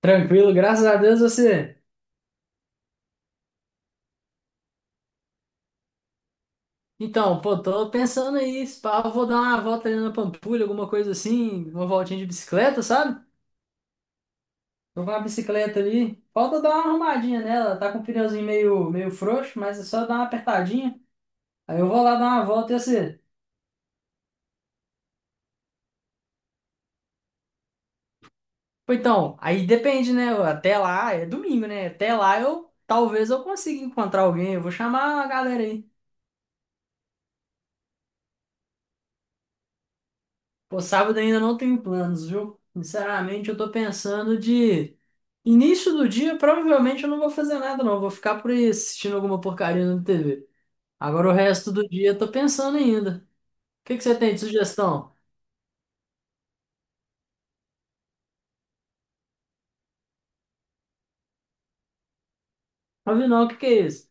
Tranquilo, graças a Deus. Você. Pô, tô pensando aí, se pá, eu vou dar uma volta ali na Pampulha, alguma coisa assim, uma voltinha de bicicleta, sabe? Tô com uma bicicleta ali. Falta dar uma arrumadinha nela, tá com o pneuzinho meio frouxo, mas é só dar uma apertadinha. Aí eu vou lá dar uma volta. E você. Pô, então, aí depende, né? Até lá, é domingo, né? Até lá eu talvez eu consiga encontrar alguém, eu vou chamar a galera aí. Pô, sábado ainda não tenho planos, viu? Sinceramente, eu tô pensando de... Início do dia, provavelmente eu não vou fazer nada, não. Eu vou ficar por aí assistindo alguma porcaria na TV. Agora o resto do dia eu tô pensando ainda. O que que você tem de sugestão? Não vi, não. O que que é isso?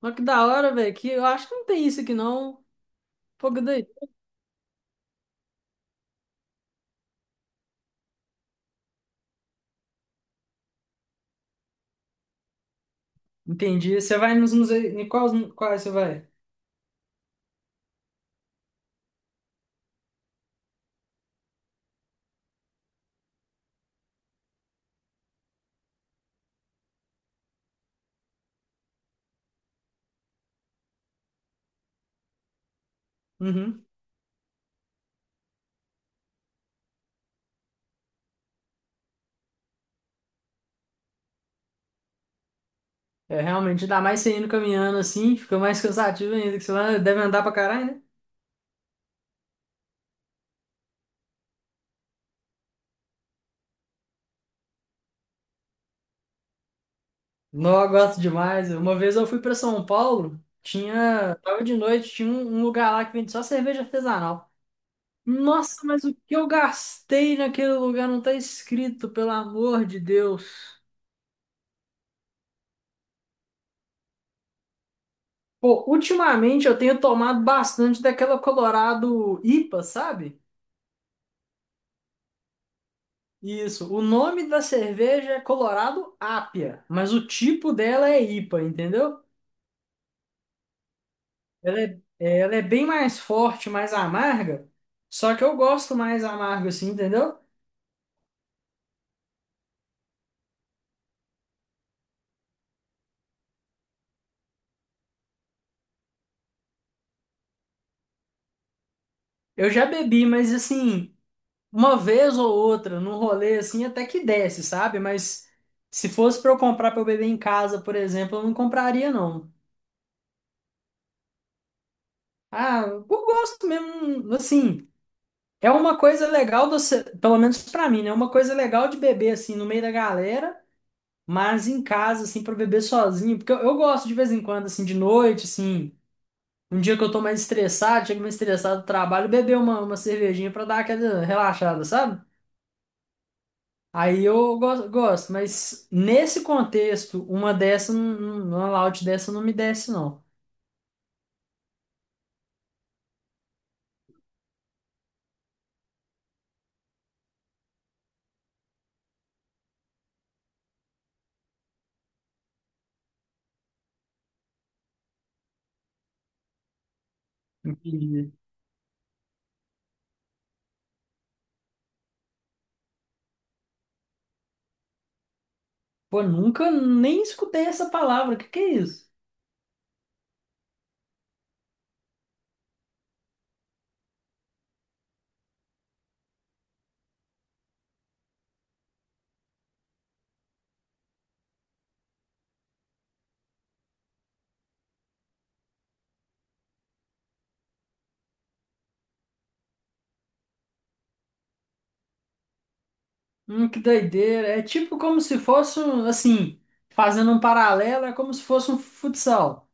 Mas que da hora, velho, que eu acho que não tem isso aqui, não. Pô, que daí? Entendi. Você vai nos museus. Em quais você vai? Uhum. É, realmente, ainda mais você indo caminhando assim, fica mais cansativo ainda, que você deve andar pra caralho, né? Não, eu gosto demais. Uma vez eu fui pra São Paulo, tinha. Tava de noite, tinha um lugar lá que vende só cerveja artesanal. Nossa, mas o que eu gastei naquele lugar não tá escrito, pelo amor de Deus. Pô, ultimamente eu tenho tomado bastante daquela Colorado IPA, sabe? Isso, o nome da cerveja é Colorado Apia, mas o tipo dela é IPA, entendeu? Ela é bem mais forte, mais amarga, só que eu gosto mais amargo assim, entendeu? Eu já bebi, mas assim, uma vez ou outra, num rolê assim, até que desce, sabe? Mas se fosse pra eu comprar pra eu beber em casa, por exemplo, eu não compraria, não. Ah, eu gosto mesmo, assim. É uma coisa legal, pelo menos pra mim, né? É uma coisa legal de beber, assim, no meio da galera, mas em casa, assim, pra beber sozinho. Porque eu gosto de vez em quando, assim, de noite, assim. Um dia que eu tô mais estressado, chego mais estressado do trabalho, beber uma cervejinha pra dar aquela relaxada, sabe? Aí eu gosto, mas nesse contexto, uma dessa, uma loud dessa não me desce, não. Entendi. Pô, nunca nem escutei essa palavra. O que que é isso? Que doideira. É tipo como se fosse um, assim, fazendo um paralelo, é como se fosse um futsal.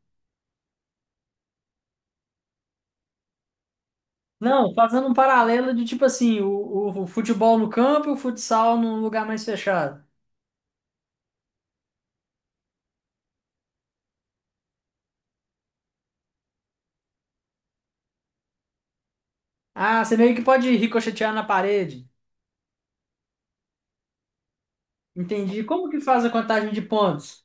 Não, fazendo um paralelo de tipo assim, o futebol no campo e o futsal num lugar mais fechado. Ah, você meio que pode ricochetear na parede. Entendi. Como que faz a contagem de pontos?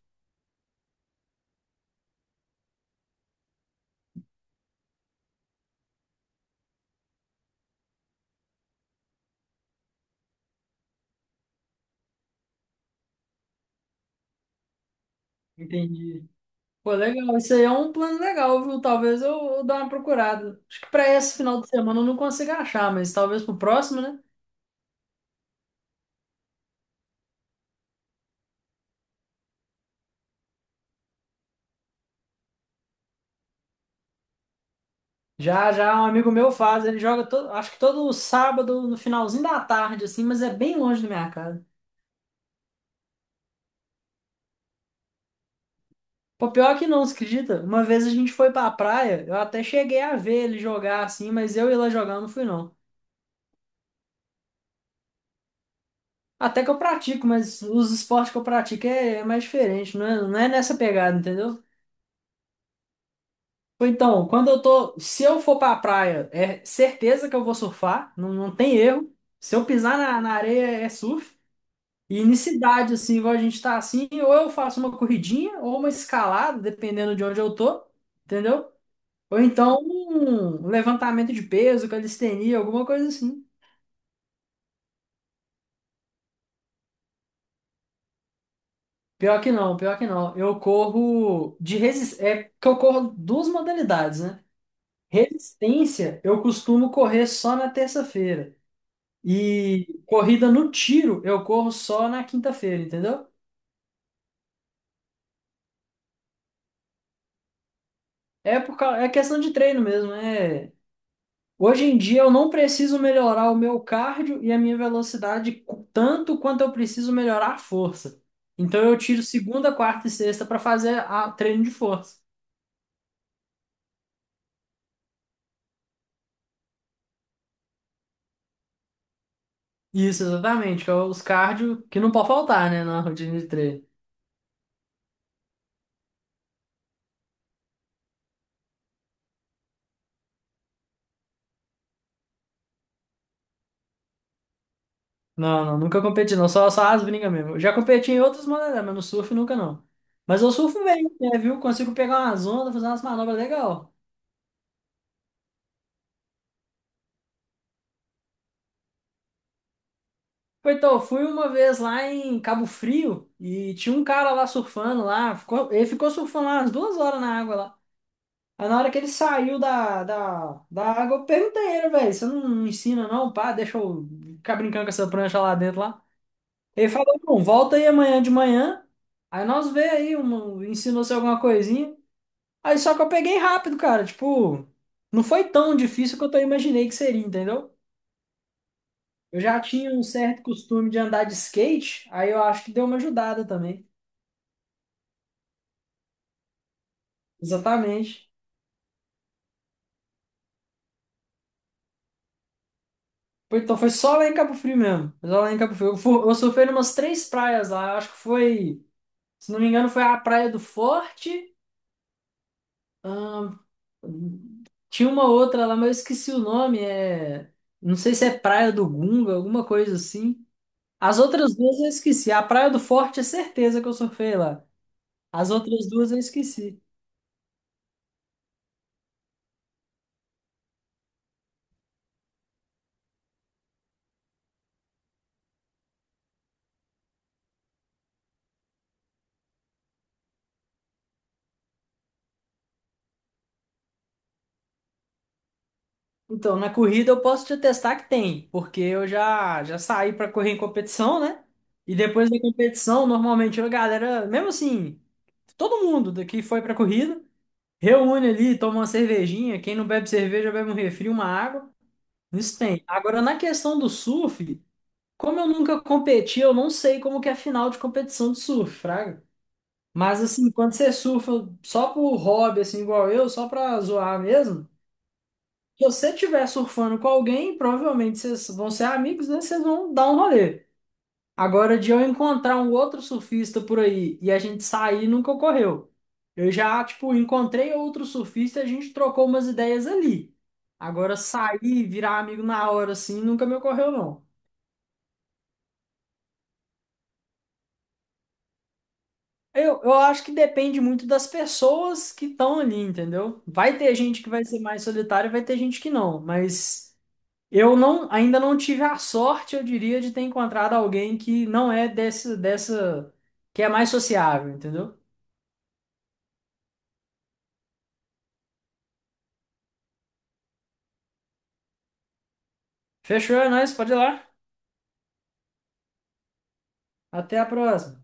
Entendi. Pô, legal. Isso aí é um plano legal, viu? Eu dê uma procurada. Acho que para esse final de semana eu não consigo achar, mas talvez pro próximo, né? Já, um amigo meu faz, ele joga todo, acho que todo sábado no finalzinho da tarde, assim, mas é bem longe da minha casa. Pô, pior que não, você acredita? Uma vez a gente foi pra praia, eu até cheguei a ver ele jogar assim, mas eu ir lá jogar não fui, não. Até que eu pratico, mas os esportes que eu pratico é mais diferente, não é nessa pegada, entendeu? Ou Então, quando eu tô, se eu for pra praia, é certeza que eu vou surfar, não, não tem erro. Se eu pisar na areia, é surf. E em cidade, assim, igual a gente tá assim, ou eu faço uma corridinha ou uma escalada, dependendo de onde eu tô, entendeu? Ou então um levantamento de peso, calistenia, alguma coisa assim. Pior que não. Eu corro de resistência, é que eu corro duas modalidades, né? Resistência, eu costumo correr só na terça-feira. E corrida no tiro eu corro só na quinta-feira, entendeu? É questão de treino mesmo. É... Hoje em dia eu não preciso melhorar o meu cardio e a minha velocidade tanto quanto eu preciso melhorar a força. Então eu tiro segunda, quarta e sexta para fazer a treino de força. Isso, exatamente, que é os cardio que não pode faltar, né, na rotina de treino. Não, nunca competi, não, só as brincas mesmo. Eu já competi em outras modalidades, mas no surf nunca, não. Mas eu surfo bem, né, viu? Consigo pegar umas ondas, fazer umas manobras legal. Então, eu fui uma vez lá em Cabo Frio e tinha um cara lá surfando lá, ele ficou surfando lá umas duas horas na água lá. Aí na hora que ele saiu da água, eu perguntei a ele, velho, você não ensina, não, pá, deixa eu ficar brincando com essa prancha lá dentro lá. Ele falou, não, volta aí amanhã de manhã, aí nós vê aí, ensinou-se alguma coisinha. Aí só que eu peguei rápido, cara. Tipo, não foi tão difícil quanto eu imaginei que seria, entendeu? Eu já tinha um certo costume de andar de skate, aí eu acho que deu uma ajudada também. Exatamente. Então foi só lá em Cabo Frio mesmo. Foi só lá em Cabo Frio. Eu surfei numas três praias lá. Eu acho que foi, se não me engano, foi a Praia do Forte. ahn, Tinha uma outra lá, mas eu esqueci o nome. É, não sei se é Praia do Gunga, alguma coisa assim. As outras duas eu esqueci. A Praia do Forte é certeza que eu surfei lá. As outras duas eu esqueci. Então, na corrida eu posso te atestar que tem, porque eu já saí para correr em competição, né? E depois da competição, normalmente a galera, mesmo assim, todo mundo daqui foi pra corrida, reúne ali, toma uma cervejinha, quem não bebe cerveja bebe um refri, uma água. Isso tem. Agora, na questão do surf, como eu nunca competi, eu não sei como que é a final de competição de surf, fraga. Mas assim, quando você surfa só por hobby, assim, igual eu, só pra zoar mesmo, se você estiver surfando com alguém, provavelmente vocês vão ser amigos, né? Vocês vão dar um rolê. Agora, de eu encontrar um outro surfista por aí e a gente sair, nunca ocorreu. Eu já, tipo, encontrei outro surfista e a gente trocou umas ideias ali. Agora, sair, virar amigo na hora, assim, nunca me ocorreu, não. Eu acho que depende muito das pessoas que estão ali, entendeu? Vai ter gente que vai ser mais solitária, vai ter gente que não, mas eu não, ainda não tive a sorte, eu diria, de ter encontrado alguém que não é desse, que é mais sociável, entendeu? Fechou, é nóis, pode ir lá. Até a próxima.